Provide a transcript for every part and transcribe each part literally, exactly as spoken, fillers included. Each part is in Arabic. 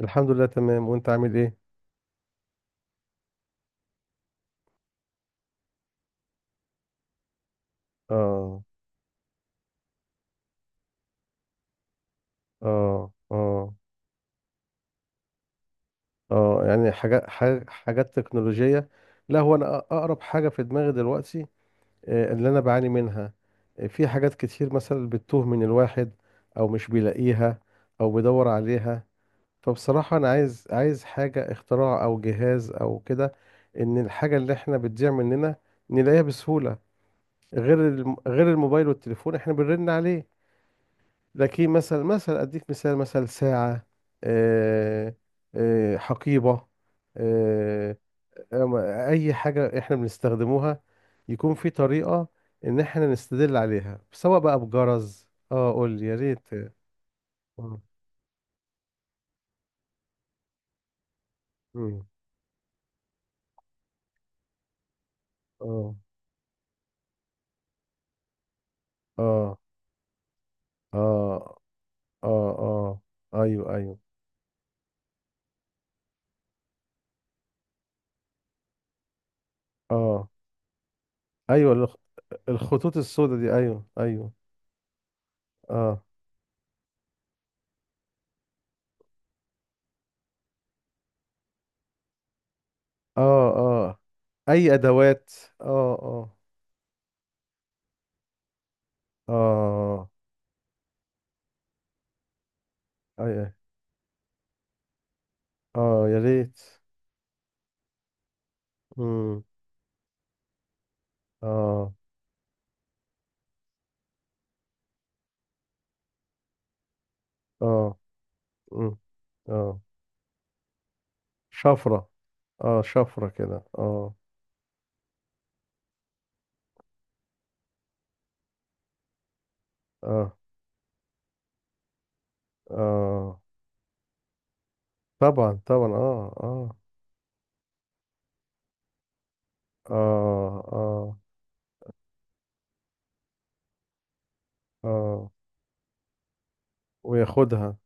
الحمد لله تمام. وانت عامل ايه؟ اه. اه. اه. اه. يعني حاجات حاج- حاجات تكنولوجية. لا، هو انا أ- اقرب حاجة في دماغي دلوقتي، آه، اللي انا بعاني منها. آه، في حاجات كتير مثلا بتتوه من الواحد، او مش بيلاقيها، او بيدور عليها. فبصراحة انا عايز عايز حاجة، اختراع او جهاز او كده، ان الحاجة اللي احنا بتضيع مننا نلاقيها بسهولة. غير الم- غير الموبايل والتليفون احنا بنرن عليه. لكن مثلا مثلا اديك مثال، مثلا ساعة، آه، آه، حقيبة، آه، أم- اي حاجة احنا بنستخدموها، يكون في طريقة ان احنا نستدل عليها، سواء بقى بجرز، اه قول لي يا ريت. اه. مم. اه. اه. اه. اه. آه. ايوه، ايوه. اه، ايوه الخ- الخطوط السوداء دي، ايوه ايوه. اه. اه. اه. اي ادوات. اه. اه. اه. أي- اه، يا ريت. امم. اه. اه. امم. اه، شفرة. اه، شفرة كده، اه. اه. اه. طبعا طبعا، اه اه. اه. اه. اه. وياخدها.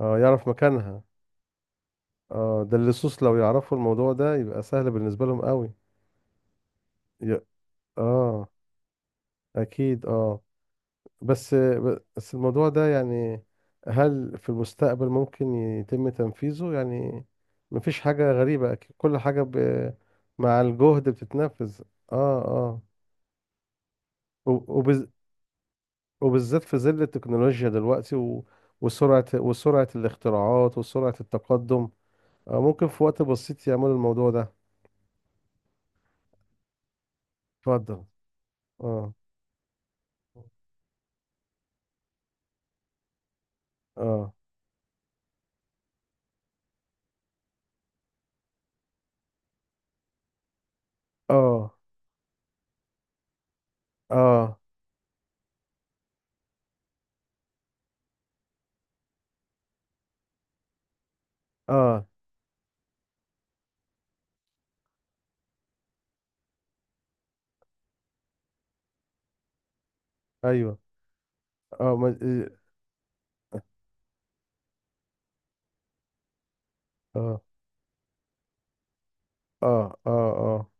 اه، يعرف مكانها. اه، ده اللصوص لو يعرفوا الموضوع ده يبقى سهل بالنسبة لهم قوي. ي- اه، اكيد اه. بس بس الموضوع ده يعني، هل في المستقبل ممكن يتم تنفيذه يعني؟ مفيش حاجة غريبة، أكيد كل حاجة ب... مع الجهد بتتنفذ. اه. اه. وب- وبز... وبالذات في ظل التكنولوجيا دلوقتي و... وسرعة وسرعة الاختراعات وسرعة التقدم. آه ممكن في وقت بسيط يعملوا الموضوع ده. اتفضل. اه. اه. اه. اه. اه. ايوه. اه ما- اه. اه. اه. اه.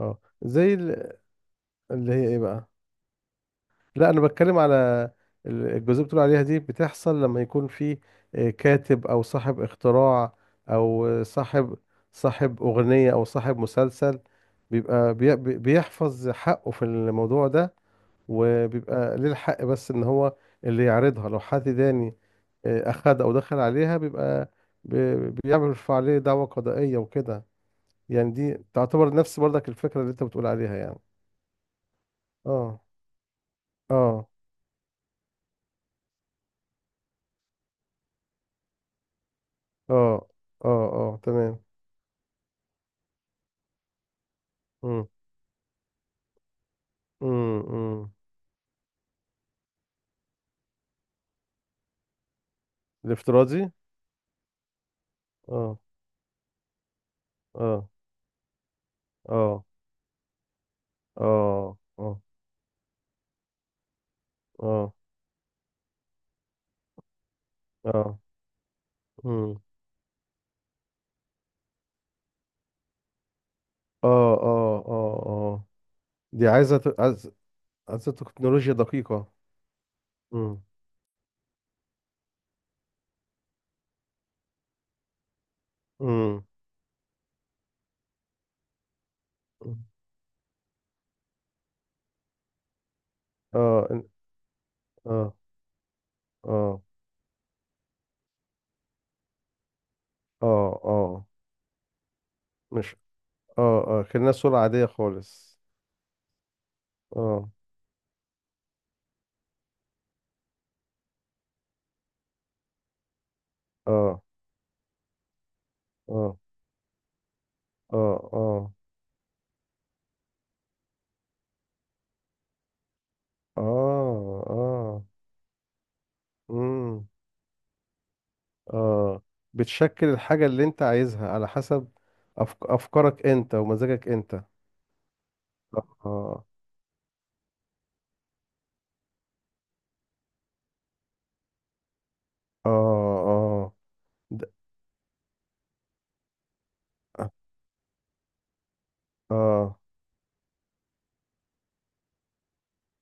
آه. زي ال... اللي هي ايه بقى؟ لا، انا بتكلم على ال- الجزئيه اللي بتقول عليها دي، بتحصل لما يكون في آه، كاتب او صاحب اختراع، او آه، صاحب صاحب اغنيه او صاحب مسلسل، بيبقى بي- بي- بيحفظ حقه في الموضوع ده. وبيبقى ليه الحق بس ان هو اللي يعرضها. لو حد تاني آه، اخد او دخل عليها، بيبقى بي- بيرفع عليه دعوى قضائيه وكده. يعني دي تعتبر نفس برضك الفكره اللي انت بتقول عليها يعني. اه. اه. اه. اه. اه، تمام. امم. امم. امم. الافتراضي. اه. اه. اه. اه. اه. اه. اه. امم. اه. اه. اه. اه، دي عايزه ت- عايزه عايزه تكنولوجيا دقيقه. امم. امم. اه إن- اه. اه. اه. اه. مش. اه، اه، كأنها صورة عادية خالص. اه. اه. اه. اه. اه. اه. اه. امم. اه، بتشكل الحاجة اللي انت عايزها على حسب أفك... افكارك انت ومزاجك انت. اه. اه. اه. د- اه،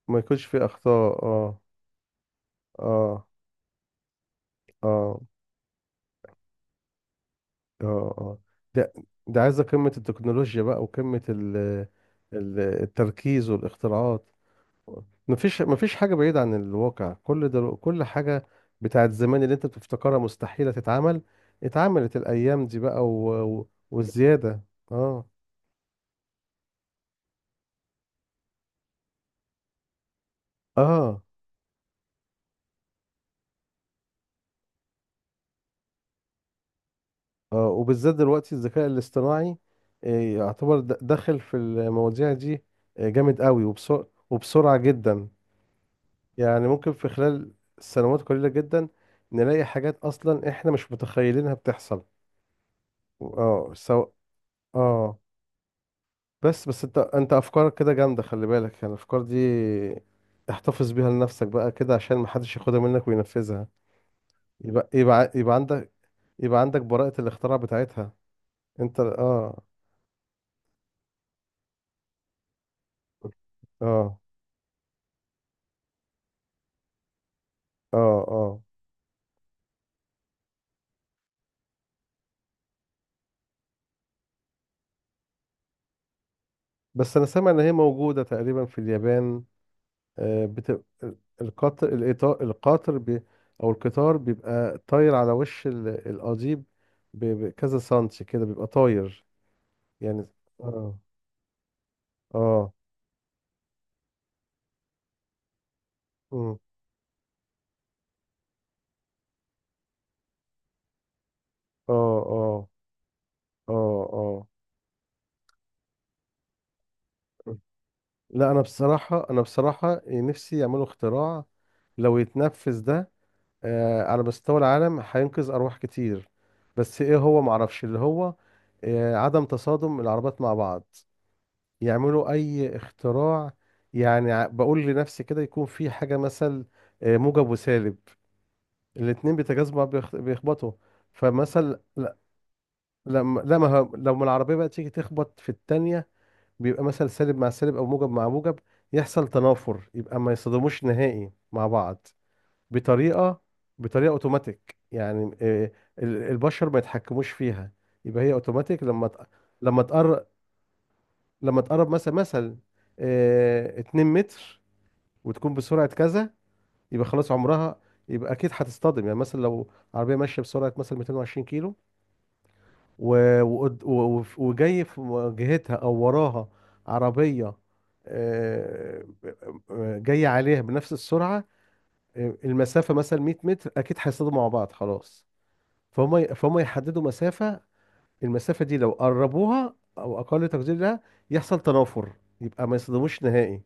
ما يكونش فيه اخطاء اه. اه. اه. اه. اه ده، ده عايزة قمة التكنولوجيا بقى، وقمة ال... ال- التركيز والاختراعات. مفيش مفيش حاجة بعيدة عن الواقع. كل دلو كل حاجة بتاعت زمان اللي انت بتفتكرها مستحيلة تتعمل، اتعملت الأيام دي بقى، و... و... والزيادة. اه. اه. اه، وبالذات دلوقتي الذكاء الاصطناعي آه، يعتبر د- داخل في المواضيع دي، آه، جامد قوي وبسرعة وبسرعة جدا. يعني ممكن في خلال سنوات قليلة جدا، نلاقي حاجات أصلا احنا مش متخيلينها بتحصل. اه، سواء. اه. بس بس انت انت افكارك كده جامده، خلي بالك يعني الافكار دي احتفظ بيها لنفسك بقى كده، عشان محدش ياخدها منك وينفذها. يبقى، يبقى يبقى عندك، يبقى عندك براءة الاختراع بتاعتها انت. اه. اه. اه. اه. بس انا سامع ان هي موجوده تقريبا في اليابان. آه بت... القطر الإطار القطر بي... او القطار بيبقى طاير على وش ال... القضيب، ب... بكذا سنتي كده بيبقى طاير يعني. اه. اه. مم. اه. اه. اه. اه. لا، انا بصراحة، انا بصراحة نفسي يعملوا اختراع، لو يتنفذ ده آه، على مستوى العالم هينقذ ارواح كتير. بس ايه، هو معرفش اللي هو آه، عدم تصادم العربات مع بعض. يعملوا اي اختراع. يعني ع- بقول لنفسي كده، يكون في حاجة مثل آه، موجب وسالب، الاتنين بيتجاذبوا بيخ- بيخبطوا. فمثل، لا، لما لما لو ما العربية بقى تيجي تخبط في التانية، بيبقى مثلا سالب مع سالب او موجب مع موجب، يحصل تنافر، يبقى ما يصطدموش نهائي مع بعض. بطريقه، بطريقه اوتوماتيك يعني، آه، ال- البشر ما يتحكموش فيها، يبقى هي اوتوماتيك. لما تق- لما تقرب لما تقرب مثلا، مثلا 2 متر، وتكون بسرعه كذا، يبقى خلاص عمرها، يبقى اكيد هتصطدم. يعني مثلا لو عربيه ماشيه بسرعه مثلا 220 كيلو، و- وقد- و- وف- وجاي في مواجهتها او وراها عربيه، آه، آه، جايه عليها بنفس السرعه، آه، المسافه مثلا 100 متر، اكيد هيصطدموا مع بعض خلاص. فهم ي- فهم يحددوا مسافه، المسافه دي لو قربوها او اقل تقدير لها، يحصل تنافر، يبقى ما يصطدموش نهائي.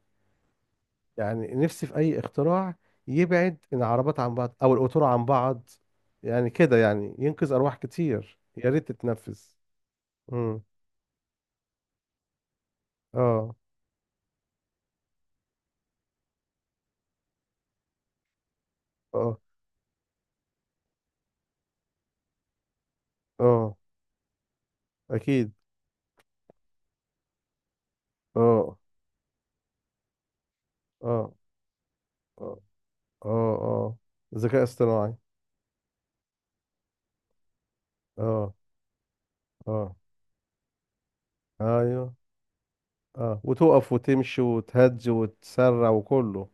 يعني نفسي في اي اختراع يبعد العربات عن بعض او القطور عن بعض. يعني كده يعني ينقذ ارواح كتير، يا ريت تتنفذ. امم. اه. اه. اه، اكيد. اه. اه. اه. اه. اه. ذكاء اصطناعي. اه. اه. ايوه. اه، وتقف وتمشي وتهج وتسرع وكله.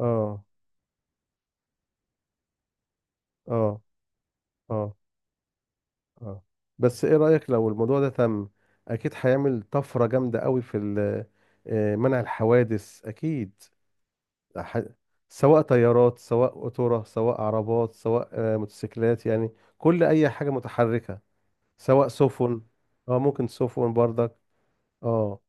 اه. اه. اه. اه. بس ايه رأيك لو الموضوع ده تم؟ اكيد هيعمل طفرة جامدة قوي في ال- آه، منع الحوادث، اكيد. ح- سواء طيارات، سواء قطورة، سواء عربات، سواء آه، موتوسيكلات، يعني كل اي حاجة متحركة، سواء سفن. اه، ممكن سفن برضك. اه.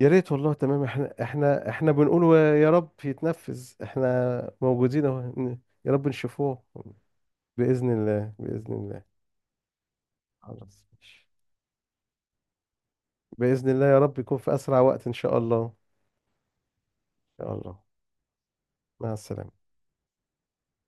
يا ريت والله، تمام. احنا احنا احنا بنقول يا رب يتنفذ، احنا موجودين اهو ن- يا رب نشوفوه، بإذن الله، بإذن الله. خلاص ماشي. بإذن الله، يا رب يكون في أسرع وقت إن شاء الله. إن شاء الله. مع السلامة.